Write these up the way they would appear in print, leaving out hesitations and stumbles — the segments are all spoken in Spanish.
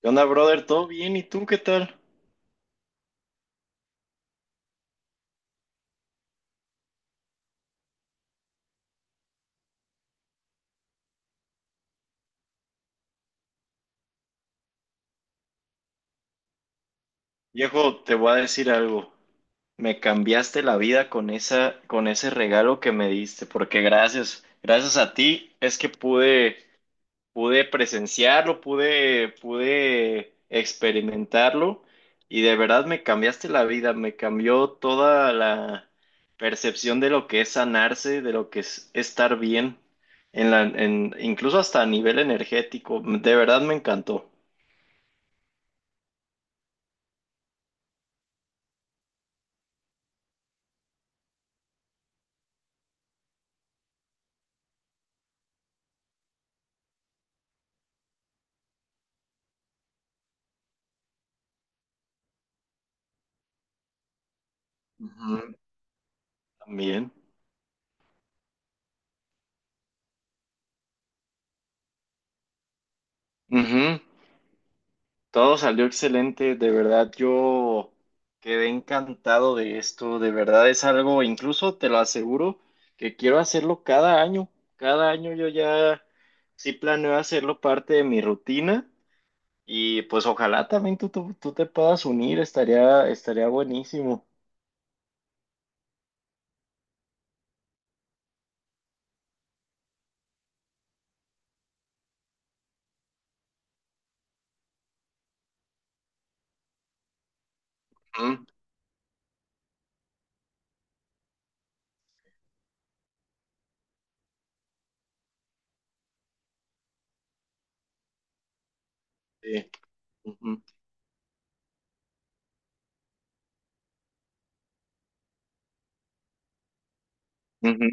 ¿Qué onda, brother? ¿Todo bien? ¿Y tú qué tal? Viejo, te voy a decir algo. Me cambiaste la vida con ese regalo que me diste, porque gracias a ti es que pude presenciarlo, pude experimentarlo y de verdad me cambiaste la vida, me cambió toda la percepción de lo que es sanarse, de lo que es estar bien, incluso hasta a nivel energético. De verdad me encantó. Ujú. También. Ujú. Todo salió excelente, de verdad yo quedé encantado de esto, de verdad es algo, incluso te lo aseguro, que quiero hacerlo cada año yo ya sí planeo hacerlo parte de mi rutina y pues ojalá también tú te puedas unir, estaría buenísimo. Ujú. Sí. Ujú. Ujú.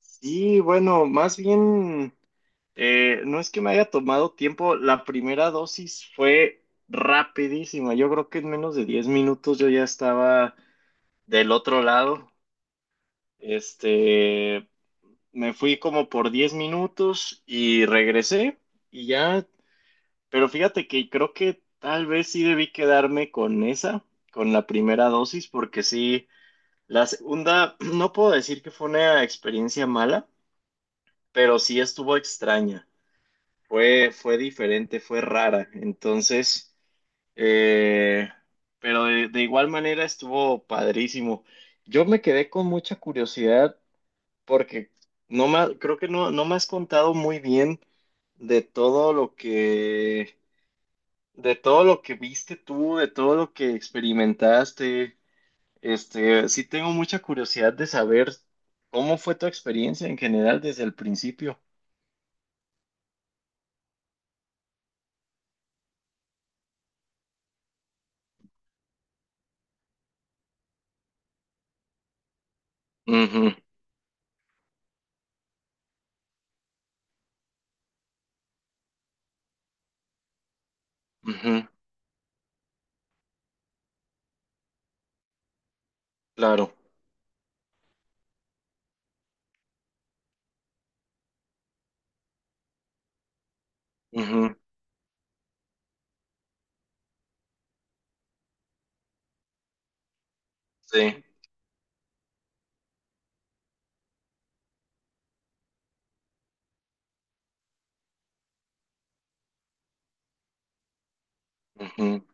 Sí, bueno, más bien... No es que me haya tomado tiempo, la primera dosis fue rapidísima, yo creo que en menos de 10 minutos yo ya estaba del otro lado. este, Me fui como por 10 minutos y regresé y ya, pero fíjate que creo que tal vez sí debí quedarme con la primera dosis, porque sí, la segunda, no puedo decir que fue una experiencia mala, pero sí estuvo extraña. Fue diferente, fue rara. Entonces, eh, pero de igual manera estuvo padrísimo. Yo me quedé con mucha curiosidad porque no me, ha- creo que no me has contado muy bien de todo lo que, de todo lo que viste tú, de todo lo que experimentaste. Este, sí tengo mucha curiosidad de saber cómo fue tu experiencia en general desde el principio. Ujú, ujú, claro. Ujú, sí. Ujú,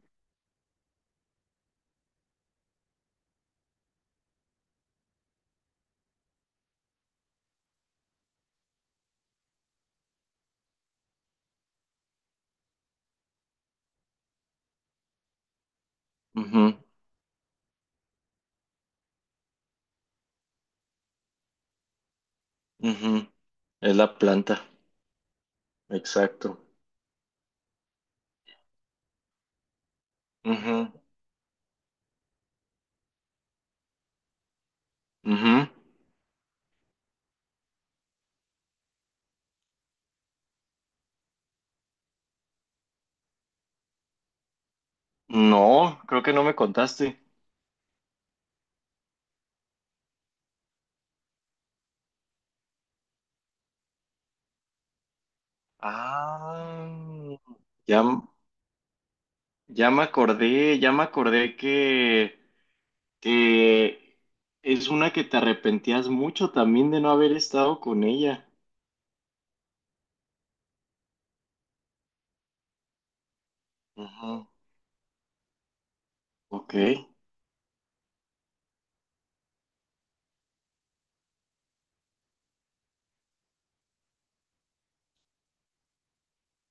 ujú, ujú. Es la planta, exacto. Ujú, ujú. No, creo que no me contaste. Ah, ya, ya me acordé, que es una que te arrepentías mucho también de no haber estado con ella. Ujú. Ok,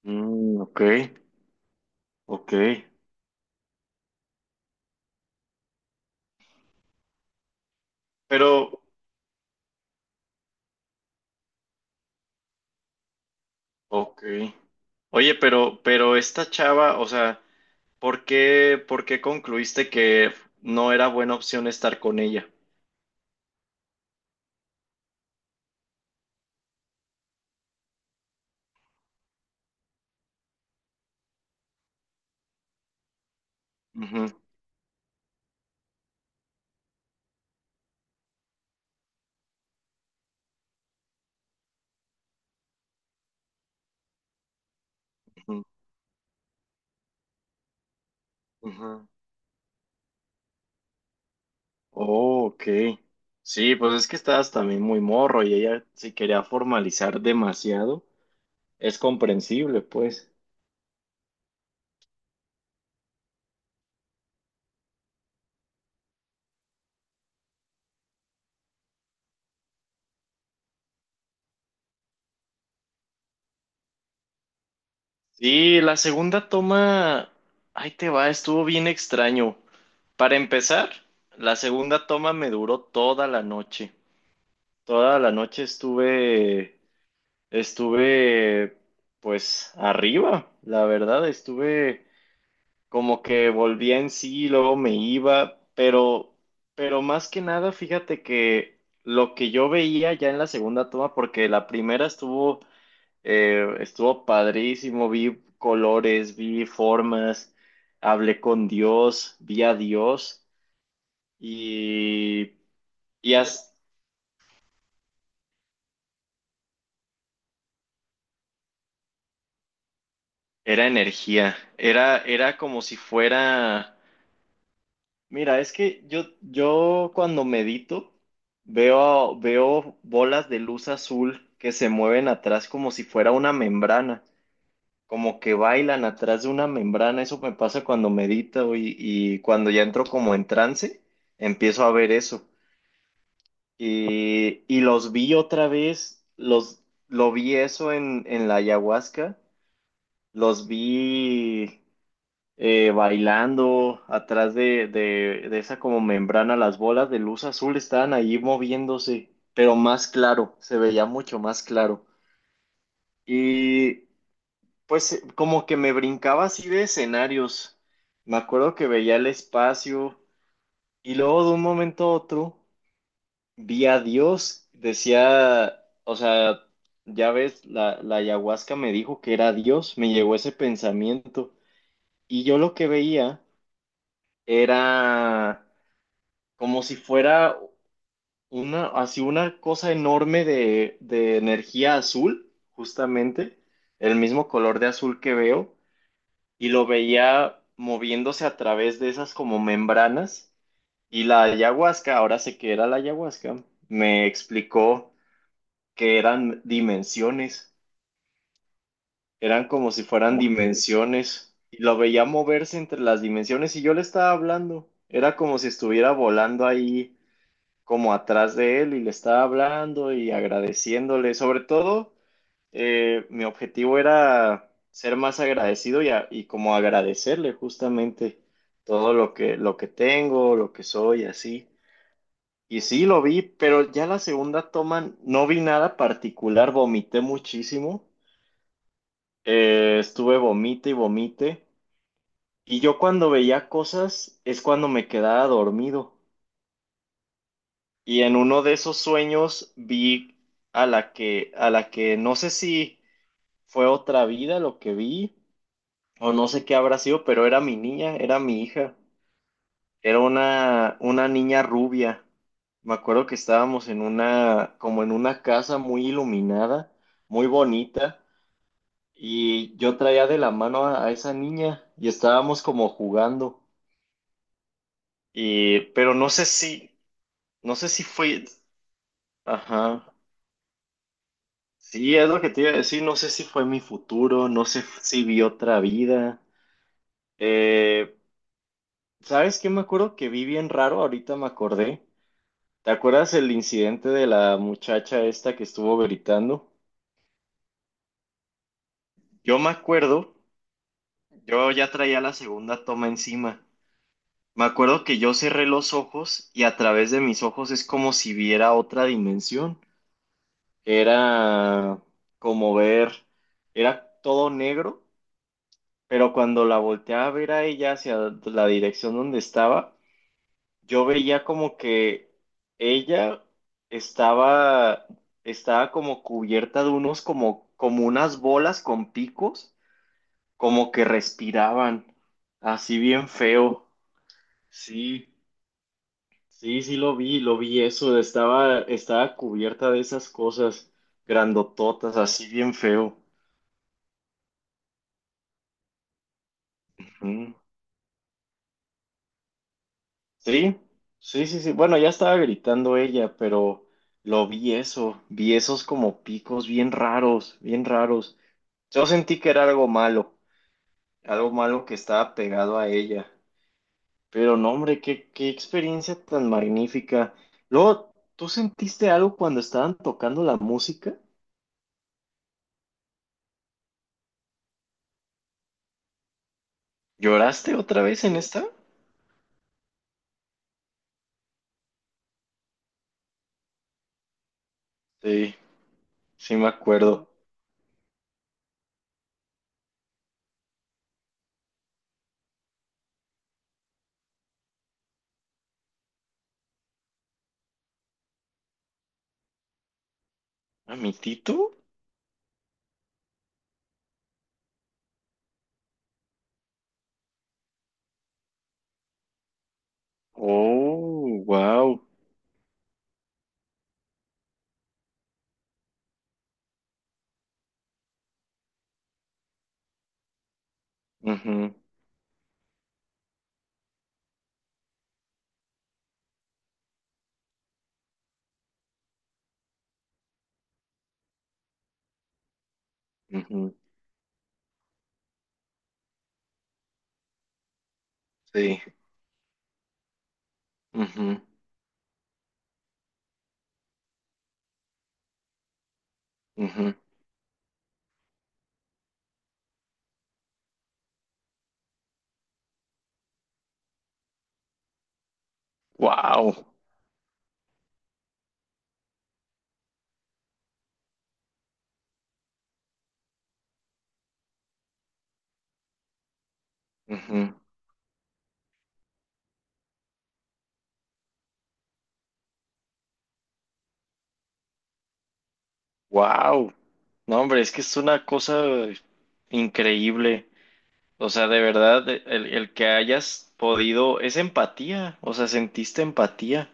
mm, ok, ok. Pero, ok. Oye, pero esta chava, o sea. Por qué concluiste que no era buena opción estar con ella? Ujú, ujú, ujú. Oh, ok. Sí, pues es que estabas también muy morro y ella si quería formalizar demasiado, es comprensible, pues. Sí, la segunda toma, ahí te va, estuvo bien extraño. Para empezar, la segunda toma me duró toda la noche. Toda la noche estuve pues arriba, la verdad, estuve como que volvía en sí, luego me iba, pero más que nada, fíjate que lo que yo veía ya en la segunda toma, porque la primera estuvo, estuvo padrísimo, vi colores, vi formas, hablé con Dios, vi a Dios y, y as- era energía, era como si fuera... Mira, es que yo cuando medito veo bolas de luz azul que se mueven atrás como si fuera una membrana, como que bailan atrás de una membrana. Eso me pasa cuando medito y cuando ya entro como en trance, empiezo a ver eso. Y los vi otra vez, lo vi eso en la ayahuasca, los vi bailando atrás de esa como membrana, las bolas de luz azul estaban ahí moviéndose, pero más claro, se veía mucho más claro. Y pues como que me brincaba así de escenarios. Me acuerdo que veía el espacio y luego de un momento a otro vi a Dios, decía, o sea, ya ves, la ayahuasca me dijo que era Dios, me llegó ese pensamiento y yo lo que veía era como si fuera una, así una cosa enorme de energía azul, justamente, el mismo color de azul que veo, y lo veía moviéndose a través de esas como membranas, y la ayahuasca, ahora sé que era la ayahuasca, me explicó que eran dimensiones, eran como si fueran dimensiones, y lo veía moverse entre las dimensiones, y yo le estaba hablando, era como si estuviera volando ahí como atrás de él y le estaba hablando y agradeciéndole. Sobre todo, mi objetivo era ser más agradecido y como agradecerle justamente todo lo que tengo, lo que soy, así. Y sí, lo vi, pero ya la segunda toma no vi nada particular, vomité muchísimo. Estuve vomite y vomite. Y yo cuando veía cosas es cuando me quedaba dormido. Y en uno de esos sueños vi a la que no sé si fue otra vida lo que vi, o no sé qué habrá sido, pero era mi niña, era mi hija. Era una niña rubia. Me acuerdo que estábamos en una, como en una casa muy iluminada, muy bonita, y yo traía de la mano a esa niña y estábamos como jugando. Y, pero no sé si, no sé si fue, ajá. Sí, es lo que te iba a decir. No sé si fue mi futuro, no sé si vi otra vida. Eh, ¿Sabes qué? Me acuerdo que vi bien raro, ahorita me acordé. ¿Te acuerdas el incidente de la muchacha esta que estuvo gritando? Yo me acuerdo, yo ya traía la segunda toma encima. Me acuerdo que yo cerré los ojos y a través de mis ojos es como si viera otra dimensión. Era como ver, era todo negro. Pero cuando la volteaba a ver a ella hacia la dirección donde estaba, yo veía como que ella estaba, estaba como cubierta de unos como, como unas bolas con picos, como que respiraban, así bien feo. Sí, sí lo vi eso, estaba cubierta de esas cosas grandototas, así bien feo. Ujú. Sí, sí, sí, sí. Bueno, ya estaba gritando ella, pero lo vi eso, vi esos como picos bien raros, bien raros. Yo sentí que era algo malo que estaba pegado a ella. Pero no, hombre, qué experiencia tan magnífica. Luego, ¿tú sentiste algo cuando estaban tocando la música? ¿Lloraste otra vez en esta? Sí, sí me acuerdo. ¿A mi Tito? Oh, wow. Mhm, mhm, sí. Mhm, mhm. Wow. Ujú. Wow. No, hombre, es que es una cosa increíble. O sea, de verdad, el que hayas podido, es empatía. O sea, sentiste empatía.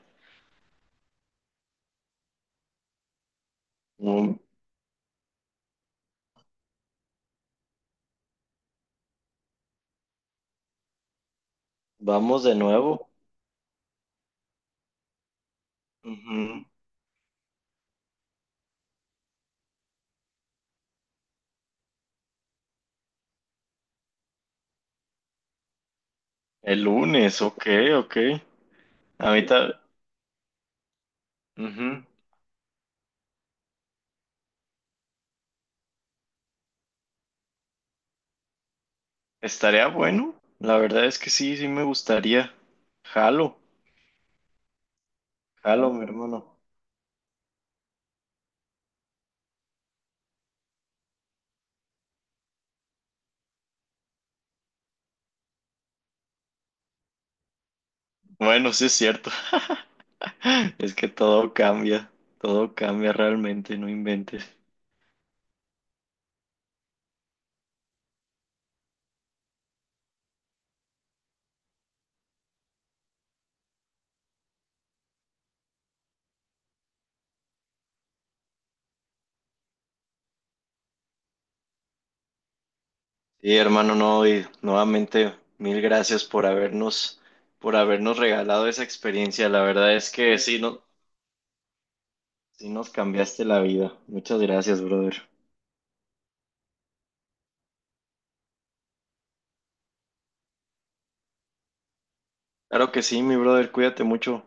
Mm. Vamos de nuevo. Ujú. El lunes, ok, ok. Ahorita, ujú. Estaría bueno. La verdad es que sí, sí me gustaría. Jalo, jalo, mi hermano. Bueno, sí es cierto. Es que todo cambia realmente, no inventes. Sí, hermano, no, y nuevamente mil gracias por habernos regalado esa experiencia. La verdad es que sí, no, sí nos cambiaste la vida. Muchas gracias, brother. Claro que sí, mi brother, cuídate mucho.